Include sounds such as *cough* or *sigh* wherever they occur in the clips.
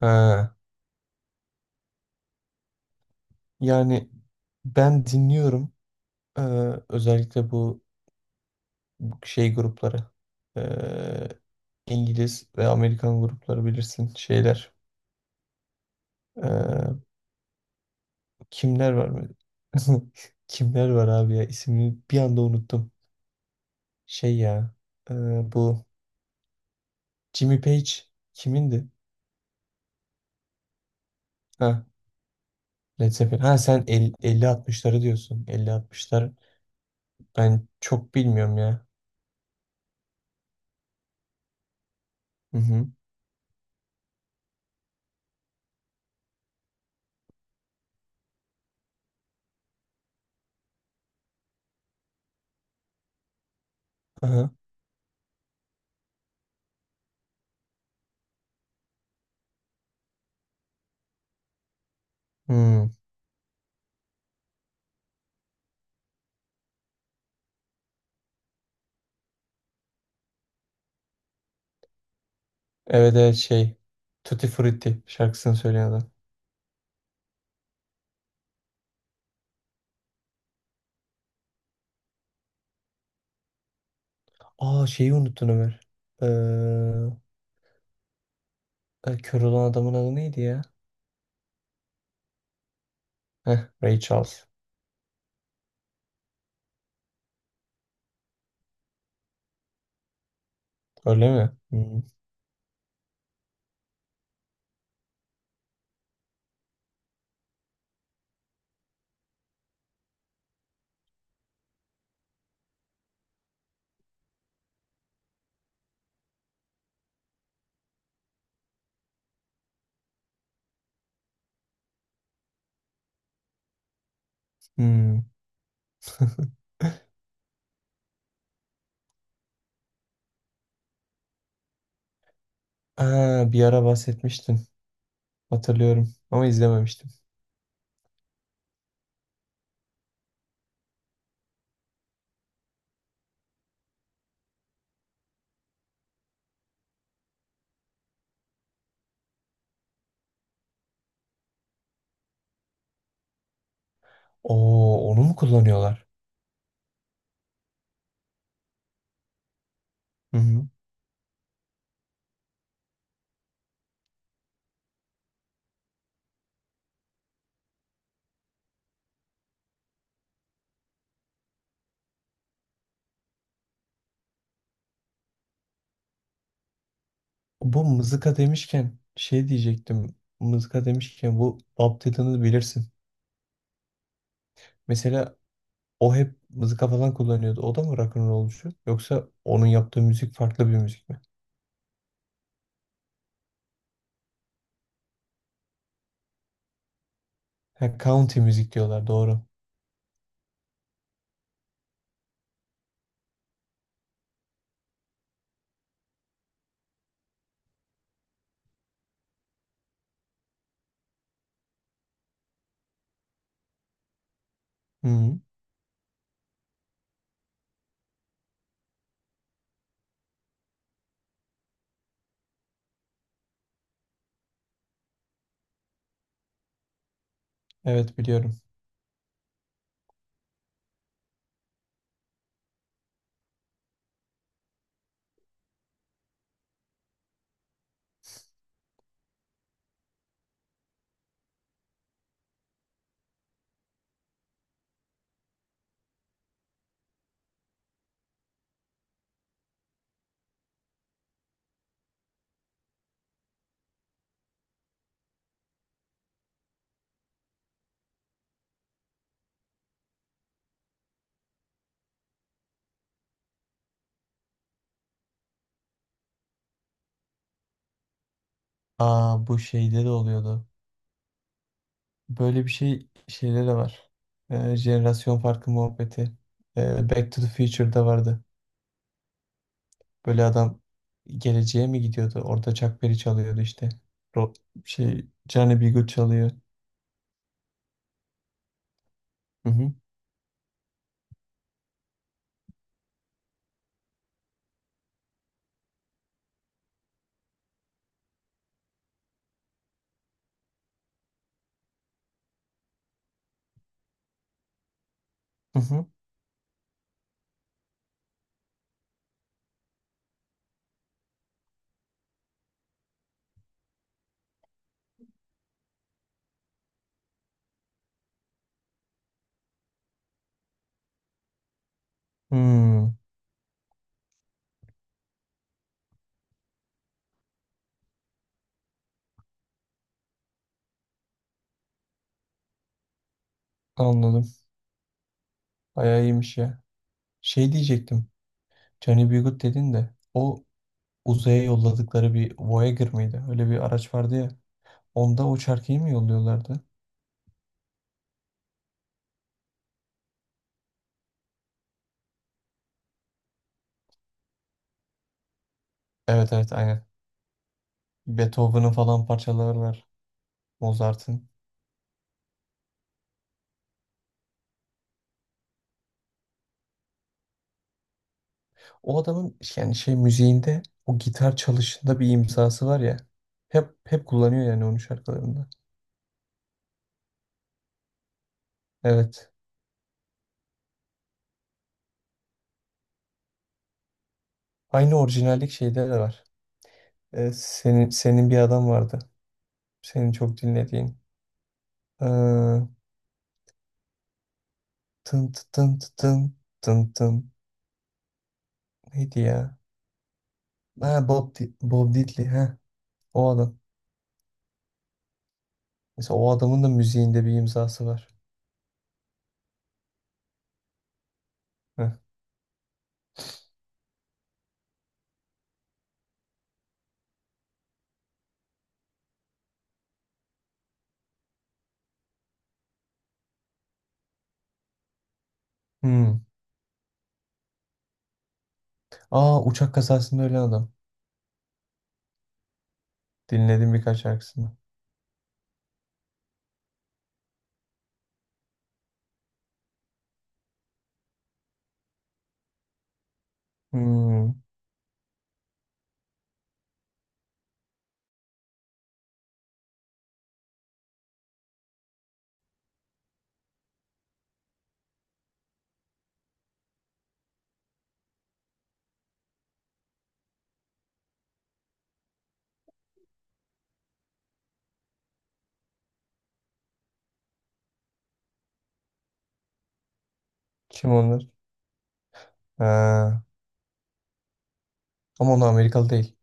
Ha, yani ben dinliyorum. Ee, Özellikle bu şey grupları. Ee, İngiliz ve Amerikan grupları bilirsin şeyler. Ee, Kimler var mı? *laughs* Kimler var abi ya? İsmini bir anda unuttum. Şey ya. ee, bu Jimmy Page kimindi? Ha, Led Zeppelin. Ha sen 50-60'ları diyorsun. 50-60'lar ben çok bilmiyorum ya. Hı hı. Aha. Hmm. Evet evet şey. Tutti Frutti şarkısını söyleyen adam. Aa şeyi unuttun Ömer. Ee, Kör olan adamın adı neydi ya? Heh, Ray Charles. Öyle mi? Hmm. Hmm. Aa, bir ara bahsetmiştin. Hatırlıyorum ama izlememiştim. Oo onu mu kullanıyorlar? Hı hı. Bu mızıka demişken şey diyecektim. Mızıka demişken bu Bob Dylan'ı bilirsin. Mesela o hep mızıka falan kullanıyordu. O da mı rock'n'rollcu? Yoksa onun yaptığı müzik farklı bir müzik mi? Ha, country müzik diyorlar doğru. Hı, evet biliyorum. Aa bu şeyde de oluyordu. Böyle bir şey şeyde de var. Jenerasyon farkı muhabbeti. Back to the Future'da vardı. Böyle adam geleceğe mi gidiyordu? Orada Chuck Berry çalıyordu işte. Ro Şey Johnny B. Good çalıyor. Hı hı. Hı hı. Hmm, anladım. Bayağı iyiymiş ya. Şey diyecektim. Johnny B. Good dedin de o uzaya yolladıkları bir Voyager mıydı? Öyle bir araç vardı ya. Onda o şarkıyı mı yolluyorlardı? Evet evet aynen. Beethoven'ın falan parçaları var. Mozart'ın. O adamın yani şey müziğinde o gitar çalışında bir imzası var ya. Hep kullanıyor yani onun şarkılarında. Evet. Aynı orijinallik şeyde de var. Senin bir adam vardı. Senin çok dinlediğin. Ee, Tın tı tın tı tın tın tın. Neydi ya? Ha, Bob Diddley. Ha, o adam. Mesela o adamın da müziğinde bir imzası var. Heh. Hmm. Aa uçak kazasında ölen adam. Dinledim birkaç şarkısını. Hmm, kim onlar? Ha, ama onlar Amerikalı değil.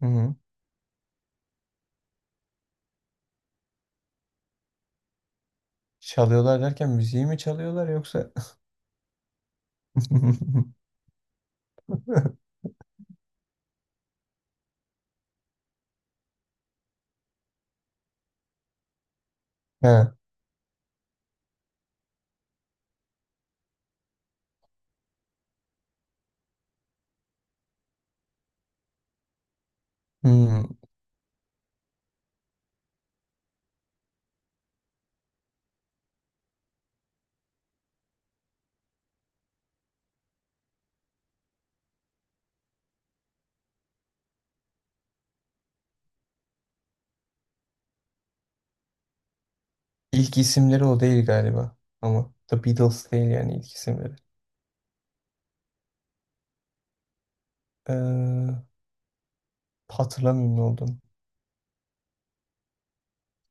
Hı hı. Çalıyorlar derken müziği mi çalıyorlar yoksa? *laughs* Ha, hmm. İlk isimleri o değil galiba. Ama The Beatles değil yani ilk isimleri. Ee, Hatırlamıyorum ne olduğunu.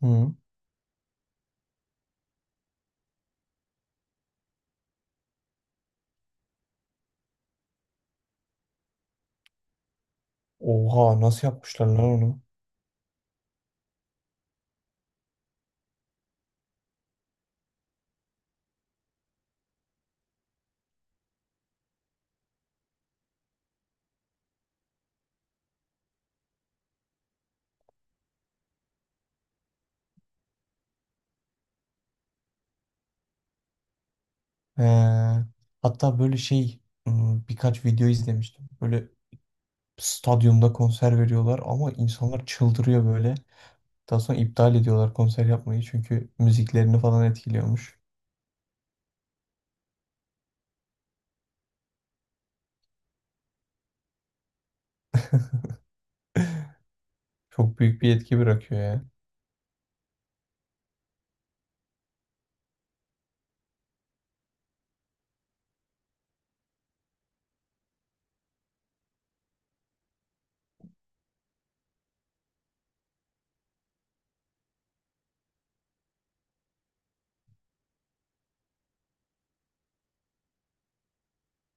Hı. Oha nasıl yapmışlar lan onu? Ee, Hatta böyle şey birkaç video izlemiştim. Böyle stadyumda konser veriyorlar ama insanlar çıldırıyor böyle. Daha sonra iptal ediyorlar konser yapmayı çünkü müziklerini falan etkiliyormuş. Çok büyük bir etki bırakıyor ya.